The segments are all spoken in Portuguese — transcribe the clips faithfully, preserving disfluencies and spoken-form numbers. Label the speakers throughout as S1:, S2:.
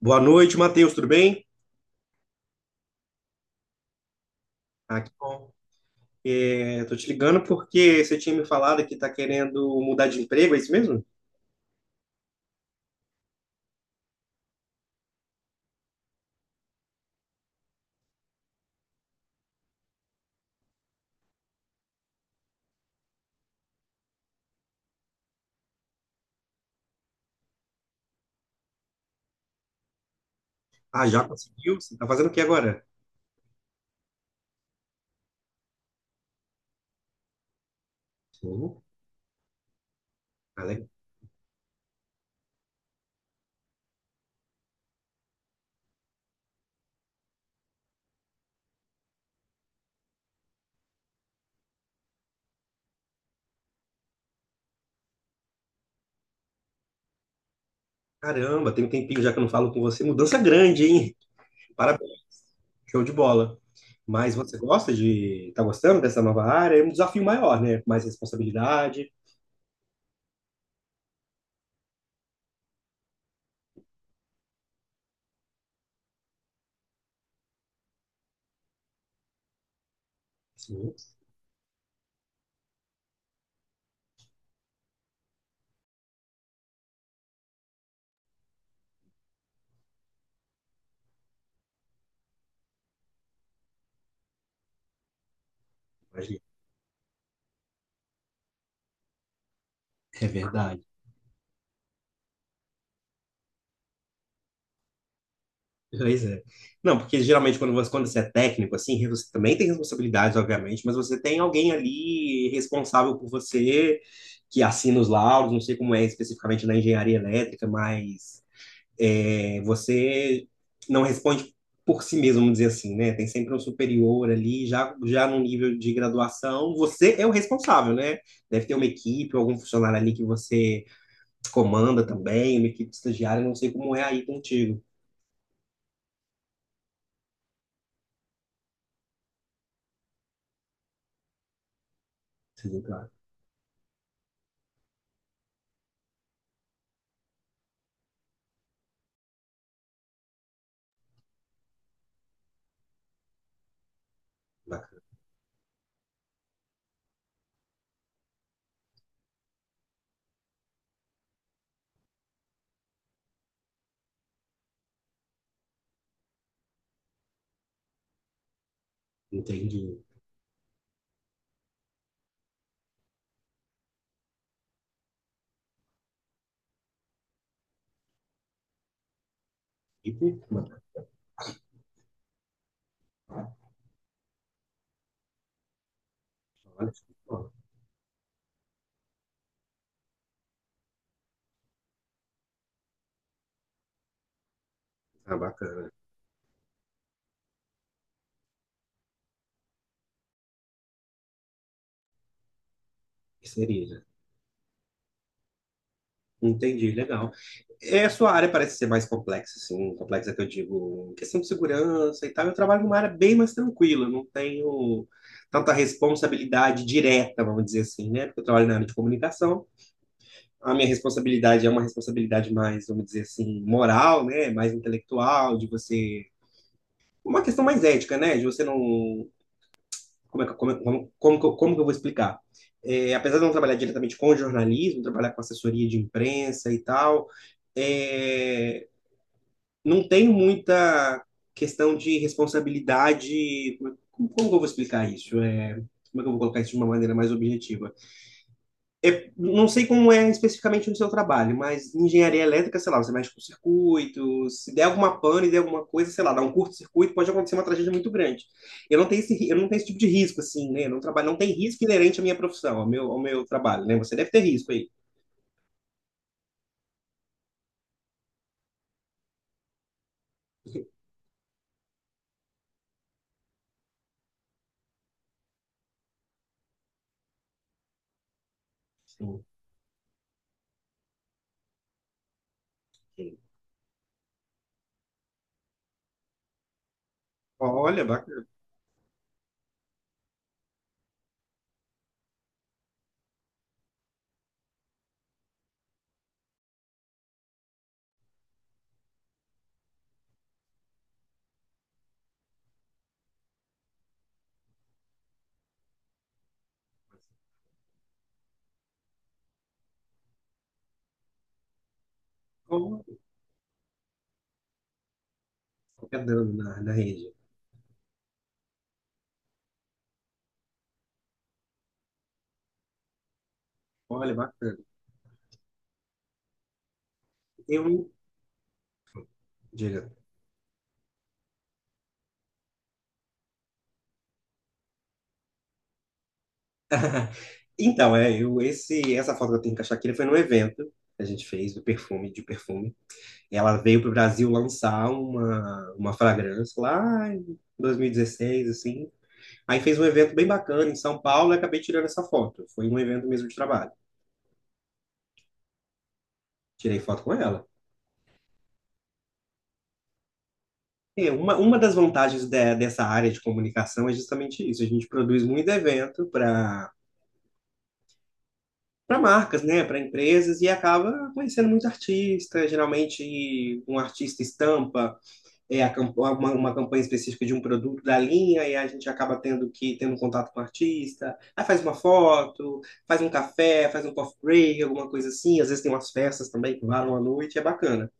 S1: Boa noite, Matheus, tudo bem? Aqui, bom. É, tô te ligando porque você tinha me falado que tá querendo mudar de emprego, é isso mesmo? Ah, já conseguiu? Você tá fazendo o que agora? Sim. Ah, legal. Caramba, tem um tempinho já que eu não falo com você. Mudança grande, hein? Parabéns, show de bola. Mas você gosta de... Tá gostando dessa nova área? É um desafio maior, né? Mais responsabilidade. Sim, imagina. É verdade. Pois é. Não, porque geralmente quando você, quando você é técnico, assim, você também tem responsabilidades, obviamente, mas você tem alguém ali responsável por você, que assina os laudos, não sei como é especificamente na engenharia elétrica, mas é, você não responde por si mesmo, vamos dizer assim, né? Tem sempre um superior ali, já, já no nível de graduação, você é o responsável, né? Deve ter uma equipe, algum funcionário ali que você comanda também, uma equipe de estagiário, não sei como é aí contigo. Sim, claro. Entendi. E por mano, olha, ó, tá bacana. Seria, né? Entendi, legal. É, a sua área parece ser mais complexa, assim, complexa que eu digo, em questão de segurança e tal. Eu trabalho numa área bem mais tranquila, não tenho tanta responsabilidade direta, vamos dizer assim, né? Porque eu trabalho na área de comunicação. A minha responsabilidade é uma responsabilidade mais, vamos dizer assim, moral, né? Mais intelectual, de você. Uma questão mais ética, né? De você não como, é que- como, é, como, como, que eu- como que eu vou explicar? É, apesar de eu não trabalhar diretamente com jornalismo, trabalhar com assessoria de imprensa e tal, é, não tem muita questão de responsabilidade. Como, como que eu vou explicar isso? É, como é que eu vou colocar isso de uma maneira mais objetiva? É, não sei como é especificamente no seu trabalho, mas em engenharia elétrica, sei lá, você mexe com circuitos, se der alguma pane, der alguma coisa, sei lá, dá um curto-circuito, pode acontecer uma tragédia muito grande. Eu não tenho esse, ri- eu não tenho esse tipo de risco, assim, né? Eu não trabalho, não tem risco inerente à minha profissão, ao meu, ao meu trabalho, né? Você deve ter risco aí. Sim. Sim. Olha, bacana. Olha, qualquer dano na, na rede. Olha, bacana. Eu, diga. Então, é, eu, esse, essa foto que eu tenho com a Shakira foi num evento que a gente fez do perfume, de perfume. Ela veio para o Brasil lançar uma, uma fragrância lá em dois mil e dezesseis, assim. Aí fez um evento bem bacana em São Paulo e acabei tirando essa foto. Foi um evento mesmo de trabalho. Tirei foto com ela. É, uma, uma das vantagens de- dessa área de comunicação é justamente isso. A gente produz muito evento para para marcas, né, para empresas e acaba conhecendo muito artista. Geralmente um artista estampa é, a camp- uma, uma campanha específica de um produto da linha, e a gente acaba tendo que tendo um contato com o artista, aí faz uma foto, faz um café, faz um coffee break, alguma coisa assim, às vezes tem umas festas também que varam à noite, é bacana.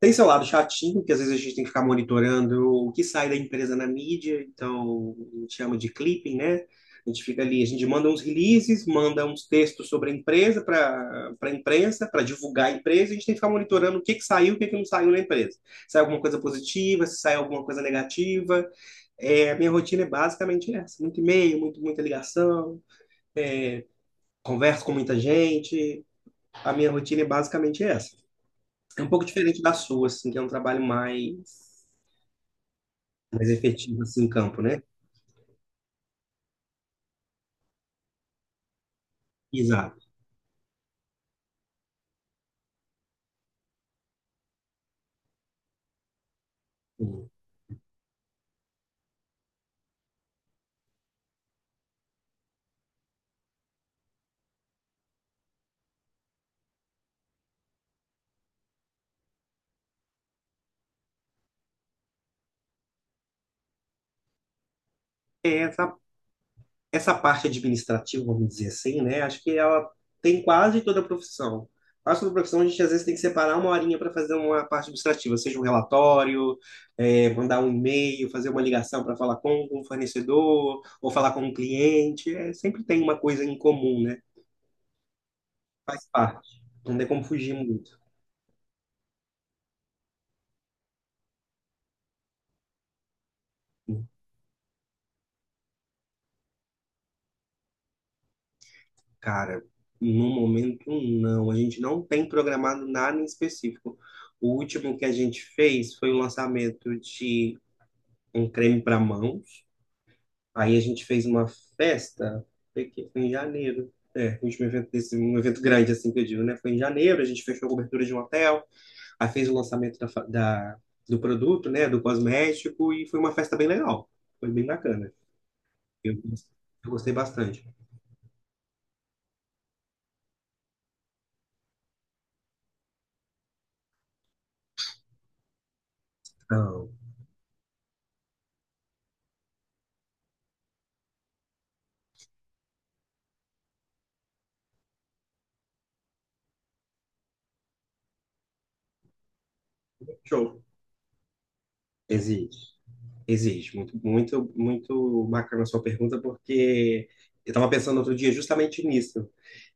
S1: Tem seu lado chatinho, que às vezes a gente tem que ficar monitorando o que sai da empresa na mídia, então a gente chama de clipping, né? A gente fica ali, a gente manda uns releases, manda uns textos sobre a empresa para para a imprensa, para divulgar a empresa, e a gente tem que ficar monitorando o que que saiu, o que que não saiu na empresa. Se sai alguma coisa positiva, se sai alguma coisa negativa. É, a minha rotina é basicamente essa, muito e-mail, muito, muita ligação, é, converso com muita gente. A minha rotina é basicamente essa. É um pouco diferente da sua, assim, que é um trabalho mais, mais efetivo, assim, em campo, né? Exato. Sim. É, Essa, essa parte administrativa, vamos dizer assim, né? Acho que ela tem quase toda a profissão. Quase toda a profissão, a gente às vezes tem que separar uma horinha para fazer uma parte administrativa, seja um relatório, é, mandar um e-mail, fazer uma ligação para falar com um fornecedor, ou falar com um cliente. É, sempre tem uma coisa em comum, né? Faz parte. Não tem como fugir muito. Cara, no momento não. A gente não tem programado nada em específico. O último que a gente fez foi o lançamento de um creme para mãos. Aí a gente fez uma festa, foi que- foi em janeiro. É, o último evento desse, um evento grande, assim que eu digo, né? Foi em janeiro, a gente fechou a cobertura de um hotel, aí fez o lançamento da, fa- da- do produto, né? Do cosmético, e foi uma festa bem legal. Foi bem bacana. Eu, eu gostei bastante. Então, show. Existe. Exige. Muito, muito, muito bacana a sua pergunta, porque eu estava pensando outro dia justamente nisso.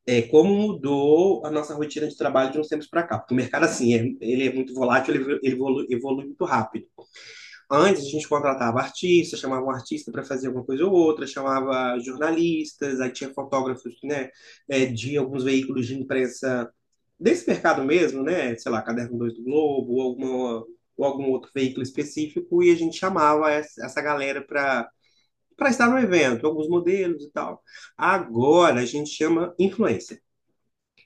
S1: É, como mudou a nossa rotina de trabalho de uns tempos para cá? Porque o mercado, assim, é- ele é muito volátil, ele evolu- ele evolu- evolui muito rápido. Antes, a gente contratava artistas, chamava um artista para fazer alguma coisa ou outra, chamava jornalistas, aí tinha fotógrafos, né, é, de alguns veículos de imprensa desse mercado mesmo, né? Sei lá, Caderno Dois do Globo, ou, alguma, ou algum outro veículo específico, e a gente chamava essa essa galera para para estar no evento, alguns modelos e tal. Agora a gente chama influencer.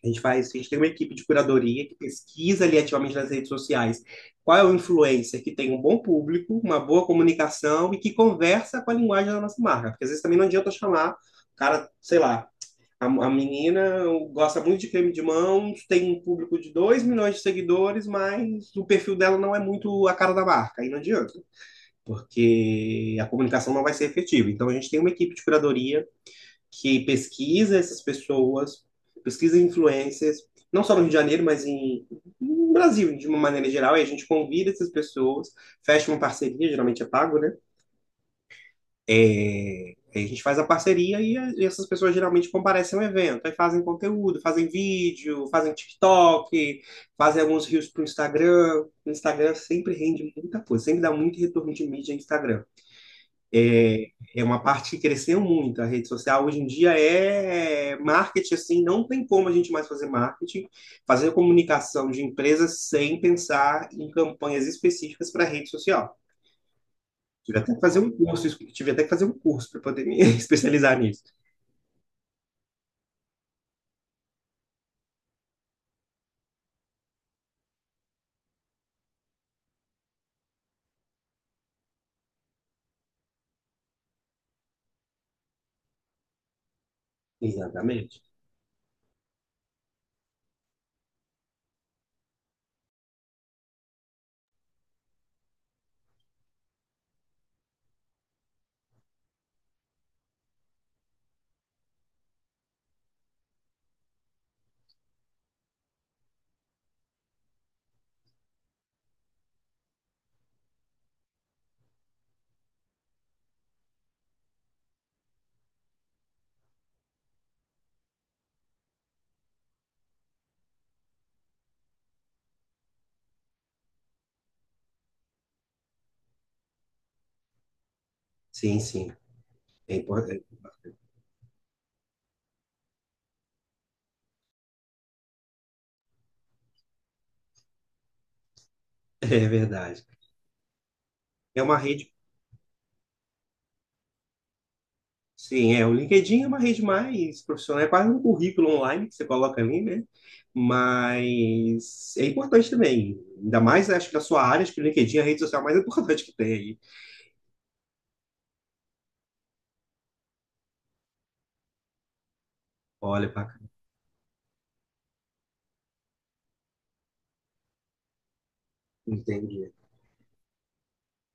S1: A gente faz, a gente tem uma equipe de curadoria que pesquisa ali ativamente nas redes sociais qual é o influencer que tem um bom público, uma boa comunicação e que conversa com a linguagem da nossa marca. Porque às vezes também não adianta chamar o cara, sei lá, a, a menina gosta muito de creme de mãos, tem um público de dois milhões de seguidores, mas o perfil dela não é muito a cara da marca, aí não adianta, porque a comunicação não vai ser efetiva. Então a gente tem uma equipe de curadoria que pesquisa essas pessoas, pesquisa influencers, não só no Rio de Janeiro, mas em, no Brasil de uma maneira geral, e a gente convida essas pessoas, fecha uma parceria, geralmente é pago, né? É, a gente faz a parceria e, a- e essas pessoas geralmente comparecem ao evento. Aí fazem conteúdo, fazem vídeo, fazem TikTok, fazem alguns reels para o Instagram. O Instagram sempre rende muita coisa, sempre dá muito retorno de mídia no Instagram. É, é uma parte que cresceu muito. A rede social hoje em dia é marketing, assim, não tem como a gente mais fazer marketing, fazer comunicação de empresas sem pensar em campanhas específicas para rede social. Tive até que fazer um curso, isso- tive até que fazer um curso para poder me especializar nisso. Exatamente. Sim, sim. É importante. É é verdade. É uma rede. Sim, é. O LinkedIn é uma rede mais profissional, é quase um currículo online que você coloca ali, né? Mas é importante também. Ainda mais, acho que na sua área, acho que o LinkedIn é a rede social mais importante que tem aí. Olha, bacana. Entendi.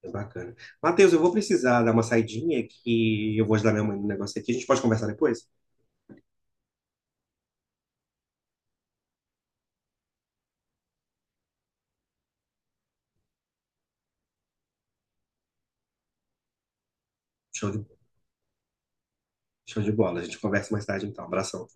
S1: É bacana. Matheus, eu vou precisar dar uma saidinha que eu vou ajudar minha mãe no negócio aqui. A gente pode conversar depois? Show de Show de bola. A gente conversa mais tarde então. Abração.